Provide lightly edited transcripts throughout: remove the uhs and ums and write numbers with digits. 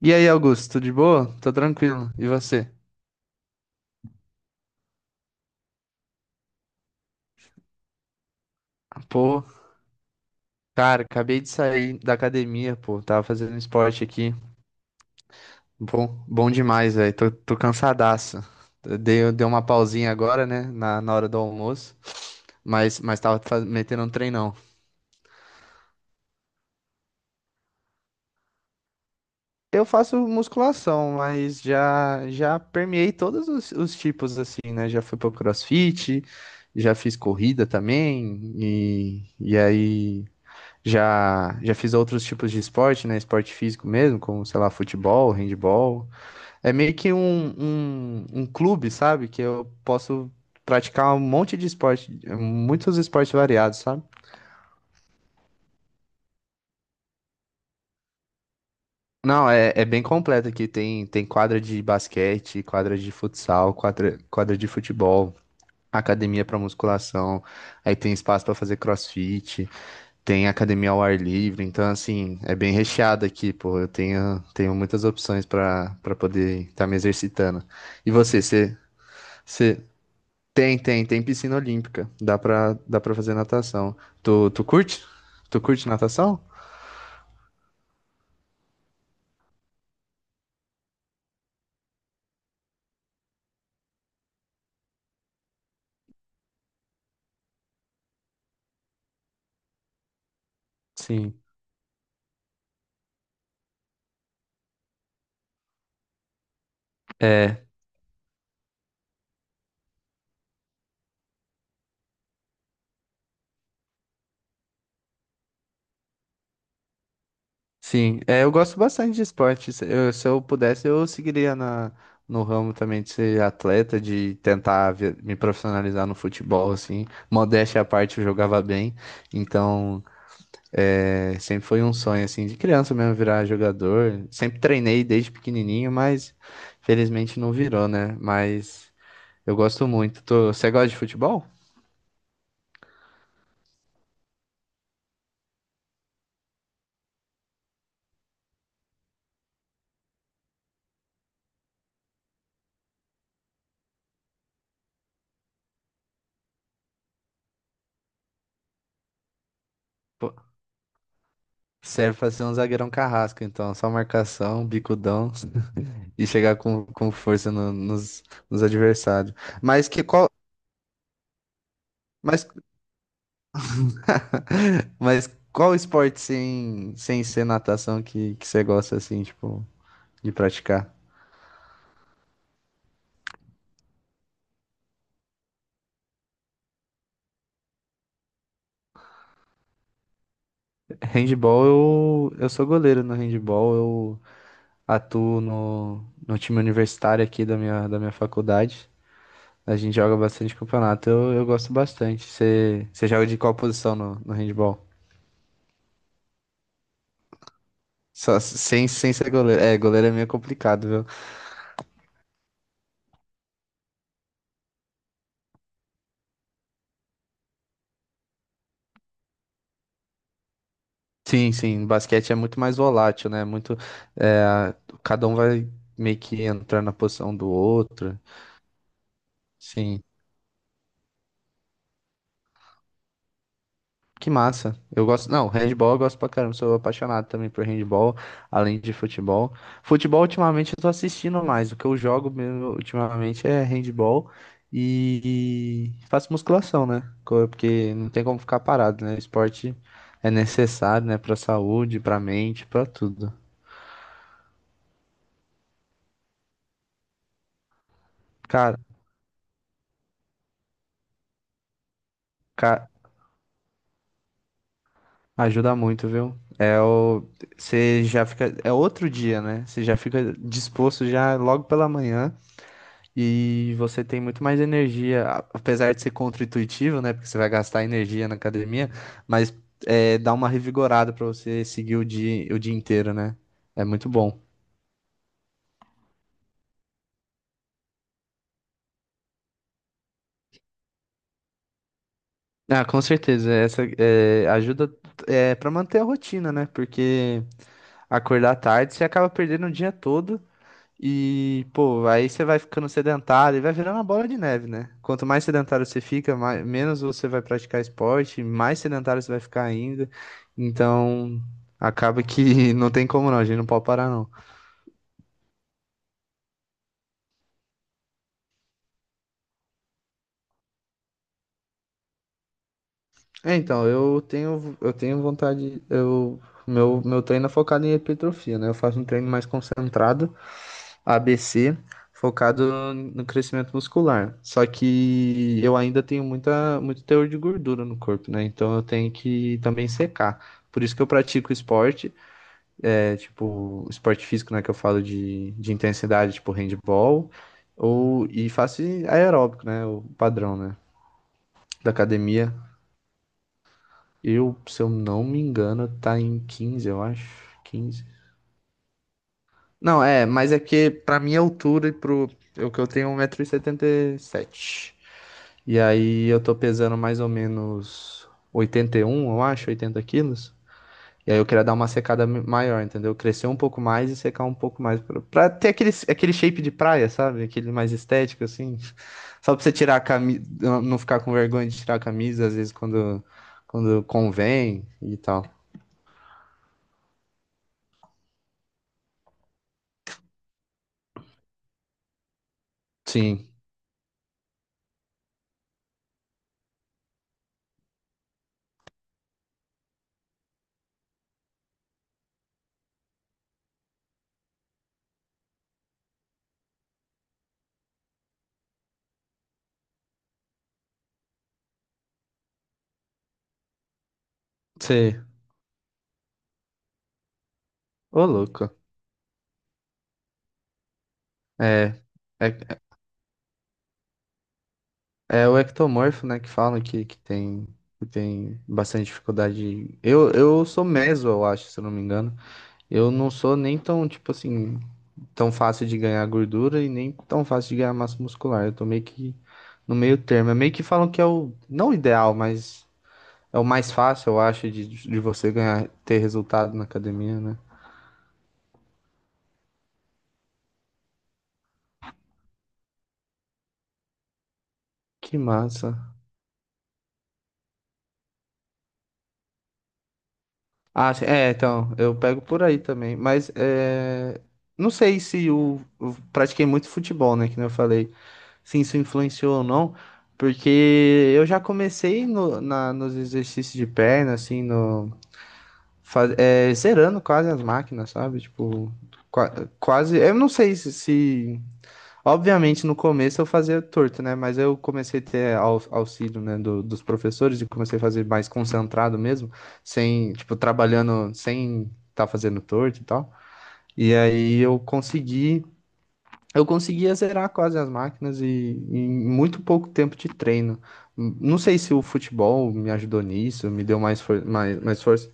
E aí, Augusto, tudo de boa? Tô tranquilo. E você? Pô, cara, acabei de sair da academia, pô. Tava fazendo esporte aqui. Bom, bom demais, velho. Tô cansadaço. Dei uma pausinha agora, né? Na hora do almoço. Mas tava metendo um treinão. Eu faço musculação, mas já permeei todos os tipos, assim, né? Já fui pro CrossFit, já fiz corrida também. E aí. Já fiz outros tipos de esporte, né? Esporte físico mesmo, como, sei lá, futebol, handball. É meio que um clube, sabe? Que eu posso praticar um monte de esporte, muitos esportes variados, sabe? Não, é bem completo aqui. Tem quadra de basquete, quadra de futsal, quadra de futebol, academia para musculação, aí tem espaço para fazer crossfit. Tem academia ao ar livre, então assim, é bem recheado aqui, pô. Eu tenho muitas opções para poder estar me exercitando. E você tem piscina olímpica. Dá para fazer natação. Tu curte? Tu curte natação? Sim. É, sim. É, eu gosto bastante de esporte. Se eu pudesse, eu seguiria no ramo também de ser atleta, de tentar me profissionalizar no futebol, assim. Modéstia à parte, eu jogava bem. Então, é, sempre foi um sonho, assim, de criança mesmo virar jogador. Sempre treinei desde pequenininho, mas felizmente não virou, né? Mas eu gosto muito. Tô... Você gosta de futebol? Pô, serve pra ser um zagueirão carrasco, então. Só marcação, bicudão e chegar com força nos adversários. Mas que qual... Mas, mas qual esporte sem ser natação que você gosta, assim, tipo, de praticar? Handball, eu sou goleiro no handball, eu atuo no time universitário aqui da minha faculdade. A gente joga bastante campeonato, eu gosto bastante. Você joga de qual posição no handball? Só, sem ser goleiro. É, goleiro é meio complicado, viu? Sim, sim, basquete é muito mais volátil, né? Muito, é, cada um vai meio que entrar na posição do outro. Sim. Que massa. Eu gosto. Não, handball eu gosto pra caramba. Sou apaixonado também por handball, além de futebol. Futebol, ultimamente, eu tô assistindo mais. O que eu jogo mesmo ultimamente é handball e faço musculação, né? Porque não tem como ficar parado, né? Esporte é necessário, né? Pra saúde, pra mente, pra tudo. Cara, ca- ajuda muito, viu? É o. Você já fica. É outro dia, né? Você já fica disposto já logo pela manhã. E você tem muito mais energia, apesar de ser contra-intuitivo, né? Porque você vai gastar energia na academia, mas é, dá uma revigorada pra você seguir o dia inteiro, né? É muito bom. Ah, com certeza. Essa é, ajuda é, para manter a rotina, né? Porque acordar tarde você acaba perdendo o dia todo. E, pô, aí você vai ficando sedentário e vai virando uma bola de neve, né? Quanto mais sedentário você fica, mais, menos você vai praticar esporte, mais sedentário você vai ficar ainda. Então, acaba que não tem como não, a gente não pode parar não. É, então, eu tenho vontade, meu treino é focado em hipertrofia, né? Eu faço um treino mais concentrado ABC, focado no crescimento muscular. Só que eu ainda tenho muita, muito teor de gordura no corpo, né? Então eu tenho que também secar. Por isso que eu pratico esporte, é tipo, esporte físico, né? Que eu falo de intensidade, tipo handball, ou, e faço aeróbico, né? O padrão, né? Da academia. Eu, se eu não me engano, tá em 15, eu acho. 15. Não, é, mas é que pra minha altura e pro. Eu tenho 1,77 m. E aí eu tô pesando mais ou menos 81, eu acho, 80 quilos. E aí eu queria dar uma secada maior, entendeu? Crescer um pouco mais e secar um pouco mais. Pra ter aquele shape de praia, sabe? Aquele mais estético, assim. Só pra você tirar a camisa, não ficar com vergonha de tirar a camisa, às vezes quando, convém e tal. Sim, você. Ô, louco. É, é. É o ectomorfo, né, que falam que, que tem bastante dificuldade. Eu sou meso, eu acho, se eu não me engano. Eu não sou nem tão, tipo assim, tão fácil de ganhar gordura e nem tão fácil de ganhar massa muscular. Eu tô meio que no meio termo. É meio que falam que é o, não o ideal, mas é o mais fácil, eu acho, de você ganhar, ter resultado na academia, né? Que massa. Ah, sim, é, então, eu pego por aí também. Mas é, não sei se eu pratiquei muito futebol, né? Que nem eu falei, se isso influenciou ou não, porque eu já comecei no, na, nos exercícios de perna, assim, no, faz, é, zerando quase as máquinas, sabe? Tipo, qua- quase. Eu não sei. Obviamente, no começo eu fazia torto, né? Mas eu comecei a ter auxílio, né, dos professores e comecei a fazer mais concentrado mesmo, sem, tipo, trabalhando sem estar fazendo torto e tal. E aí eu consegui. Eu conseguia zerar quase as máquinas e em muito pouco tempo de treino. Não sei se o futebol me ajudou nisso, me deu mais, mais força,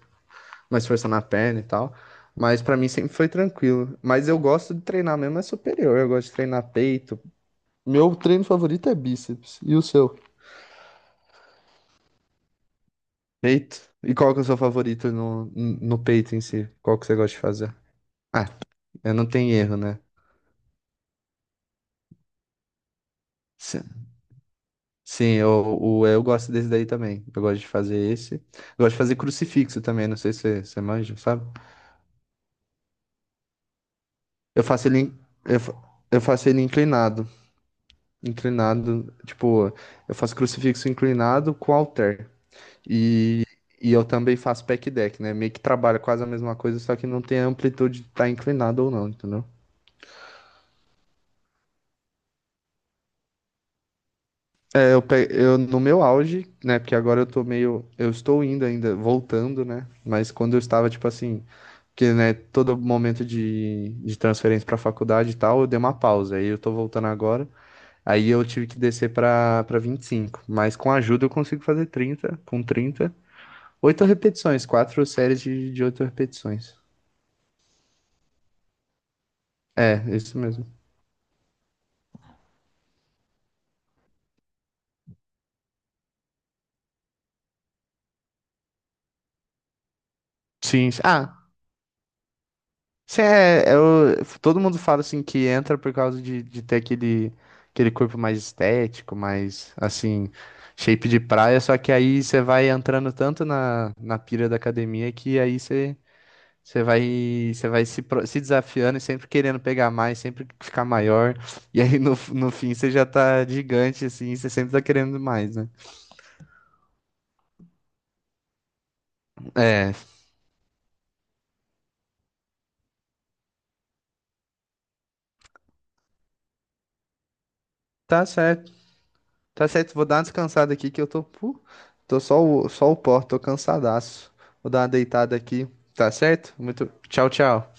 mais força na perna e tal, mas pra mim sempre foi tranquilo. Mas eu gosto de treinar mesmo, é superior, eu gosto de treinar peito. Meu treino favorito é bíceps. E o seu? Peito? E qual que é o seu favorito no peito em si? Qual que você gosta de fazer? Ah, eu não tenho erro, né? Sim, eu gosto desse daí também. Eu gosto de fazer esse. Eu gosto de fazer crucifixo também, não sei se você manja, sabe? Eu faço ele, in- eu, fa- eu faço ele inclinado. Inclinado, tipo, eu faço crucifixo inclinado com halter. E, e eu também faço pack deck, né? Meio que trabalha quase a mesma coisa, só que não tem a amplitude de estar inclinado ou não, entendeu? É, eu no meu auge, né? Porque agora eu tô meio. Eu estou indo ainda, voltando, né? Mas quando eu estava, tipo assim. Porque, né, todo momento de transferência para faculdade e tal, eu dei uma pausa. Aí eu tô voltando agora. Aí eu tive que descer para 25. Mas com ajuda eu consigo fazer 30. Com 30, 8 repetições. 4 séries de 8 repetições. É, isso mesmo. Sim, sim. Ah, sim, é, eu, todo mundo fala assim que entra por causa de ter aquele corpo mais estético, mais assim, shape de praia. Só que aí você vai entrando tanto na pira da academia que aí você. Você vai se, se desafiando e sempre querendo pegar mais, sempre ficar maior. E aí no fim você já tá gigante, assim, você sempre tá querendo mais, né? É, tá certo, tá certo. Vou dar uma descansada aqui que eu tô só o pó, tô cansadaço. Vou dar uma deitada aqui, tá certo? Muito, tchau, tchau.